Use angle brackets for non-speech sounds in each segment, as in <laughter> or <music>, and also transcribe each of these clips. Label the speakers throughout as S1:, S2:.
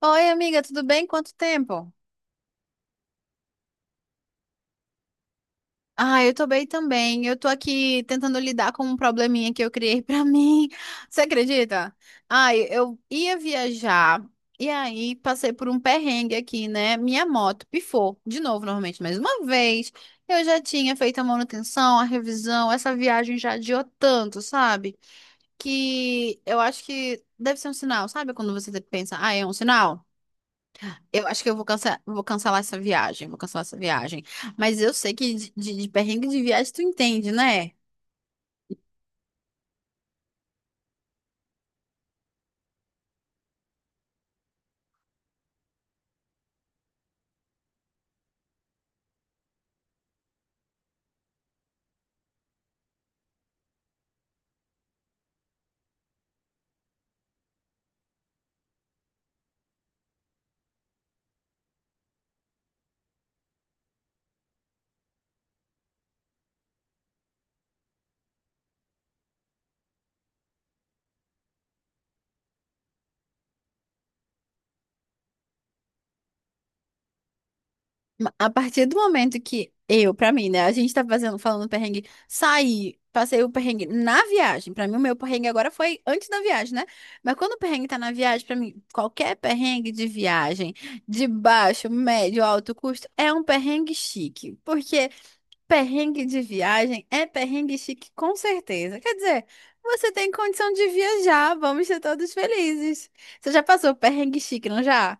S1: Oi, amiga, tudo bem? Quanto tempo? Ah, eu tô bem também. Eu tô aqui tentando lidar com um probleminha que eu criei <laughs> pra mim. Você acredita? Ai, eu ia viajar e aí passei por um perrengue aqui, né? Minha moto pifou de novo, normalmente, mais uma vez. Eu já tinha feito a manutenção, a revisão, essa viagem já adiou tanto, sabe? Que eu acho que deve ser um sinal, sabe? Quando você pensa, ah, é um sinal. Eu acho que eu vou cancelar essa viagem, vou cancelar essa viagem. Mas eu sei que de perrengue de viagem tu entende, né? A partir do momento que eu, pra mim, né, a gente tá fazendo, falando perrengue, saí, passei o perrengue na viagem. Pra mim, o meu perrengue agora foi antes da viagem, né? Mas quando o perrengue tá na viagem, pra mim, qualquer perrengue de viagem, de baixo, médio, alto custo, é um perrengue chique. Porque perrengue de viagem é perrengue chique, com certeza. Quer dizer, você tem condição de viajar, vamos ser todos felizes. Você já passou perrengue chique, não já?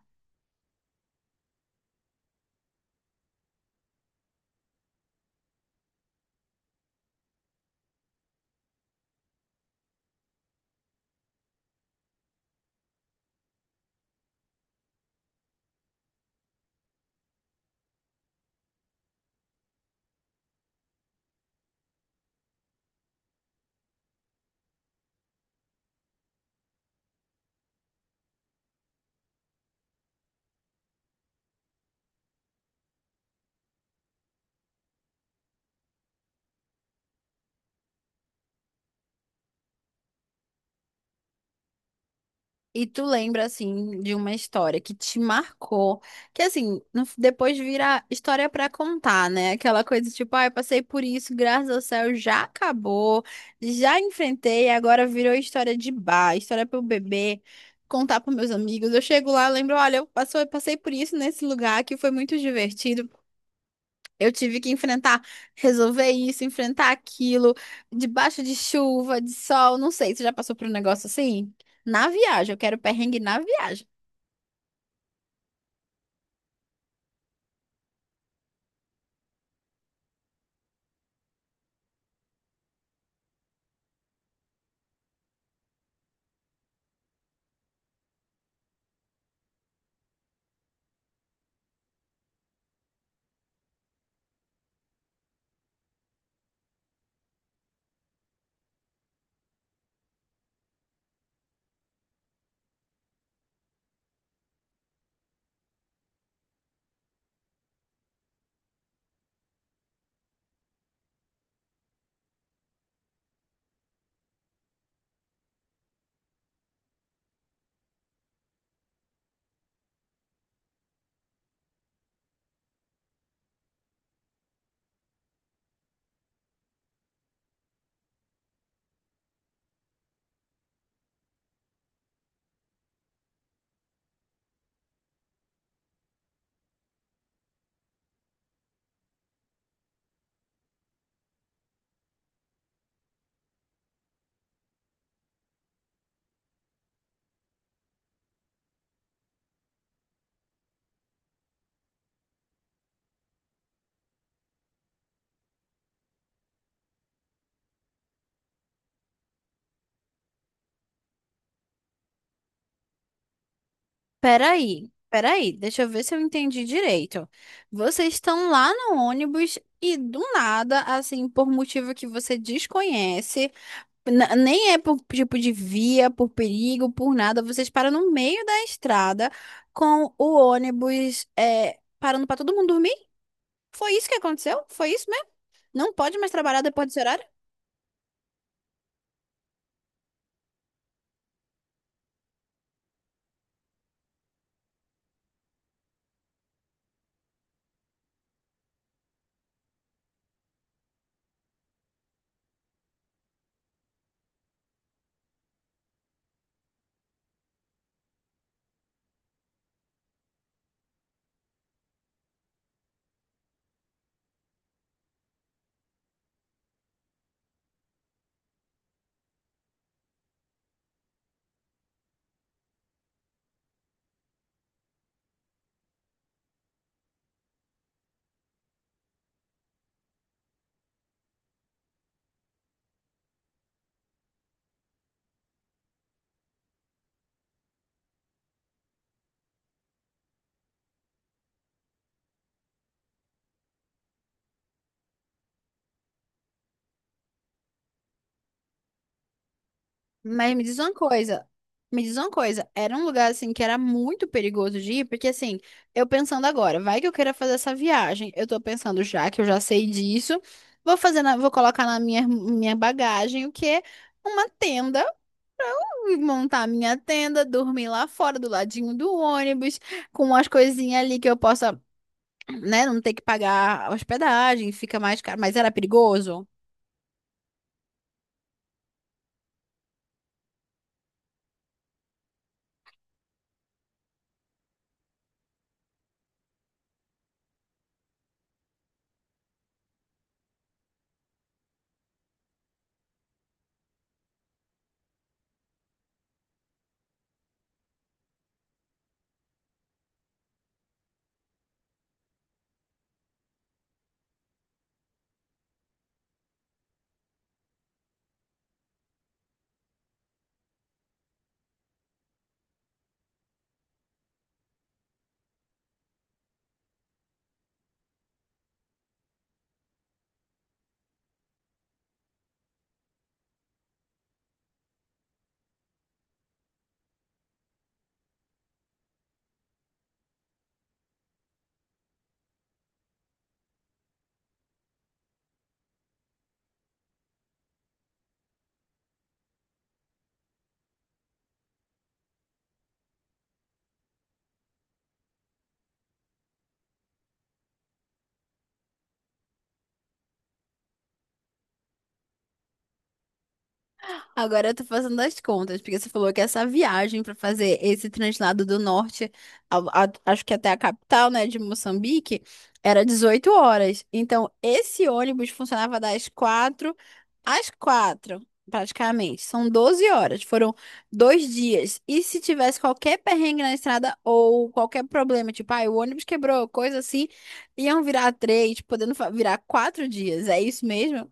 S1: E tu lembra, assim, de uma história que te marcou, que, assim, depois vira história pra contar, né? Aquela coisa tipo, ah, eu passei por isso, graças ao céu, já acabou, já enfrentei, agora virou história de bar, história pro bebê, contar pros meus amigos. Eu chego lá, lembro, olha, eu passei por isso nesse lugar que foi muito divertido. Eu tive que enfrentar, resolver isso, enfrentar aquilo, debaixo de chuva, de sol, não sei. Você já passou por um negócio assim? Na viagem, eu quero perrengue na viagem. Peraí, peraí, deixa eu ver se eu entendi direito. Vocês estão lá no ônibus e do nada, assim, por motivo que você desconhece, nem é por tipo de via, por perigo, por nada, vocês param no meio da estrada com o ônibus, é, parando para todo mundo dormir. Foi isso que aconteceu? Foi isso mesmo? Não pode mais trabalhar depois desse horário? Mas me diz uma coisa. Me diz uma coisa. Era um lugar assim que era muito perigoso de ir, porque assim, eu pensando agora, vai que eu queira fazer essa viagem. Eu tô pensando já que eu já sei disso. Vou fazer vou colocar na minha bagagem o quê? Uma tenda, montar a minha tenda, dormir lá fora do ladinho do ônibus, com umas coisinhas ali que eu possa, né, não ter que pagar a hospedagem, fica mais caro, mas era perigoso. Agora eu tô fazendo as contas, porque você falou que essa viagem para fazer esse translado do norte, acho que até a capital, né, de Moçambique, era 18 horas. Então, esse ônibus funcionava das 4 às 4, praticamente. São 12 horas, foram dois dias. E se tivesse qualquer perrengue na estrada ou qualquer problema, tipo, ah, o ônibus quebrou, coisa assim, iam virar três, podendo virar quatro dias. É isso mesmo?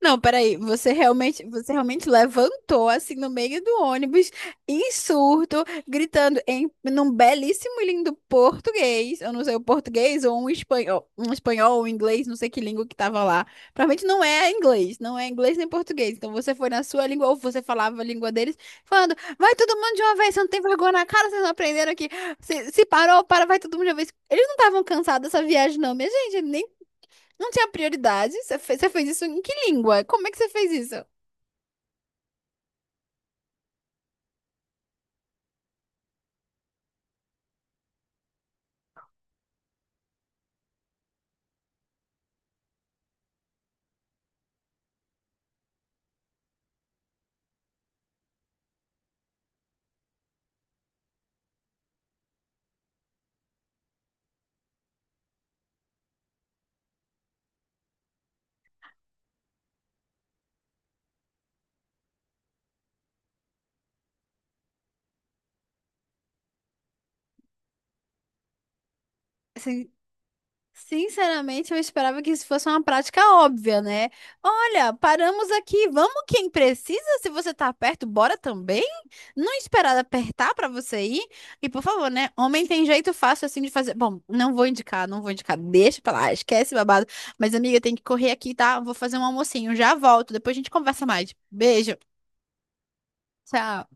S1: Não, peraí, você realmente levantou assim no meio do ônibus, em surto, gritando em num belíssimo e lindo português, eu não sei o português ou um espanhol ou um inglês, não sei que língua que tava lá. Provavelmente não é inglês, não é inglês nem português. Então você foi na sua língua ou você falava a língua deles, falando: "Vai todo mundo de uma vez, você não tem vergonha na cara, vocês não aprenderam aqui. Se parou, para, vai todo mundo de uma vez". Eles não estavam cansados dessa viagem não, minha gente, nem não tinha prioridade? Você fez isso em que língua? Como é que você fez isso? Assim, sinceramente, eu esperava que isso fosse uma prática óbvia, né? Olha, paramos aqui, vamos quem precisa. Se você tá perto, bora também. Não esperar apertar pra você ir. E por favor, né? Homem tem jeito fácil assim de fazer. Bom, não vou indicar, não vou indicar. Deixa pra lá, esquece babado. Mas amiga, tem que correr aqui, tá? Vou fazer um almocinho, já volto. Depois a gente conversa mais. Beijo. Tchau.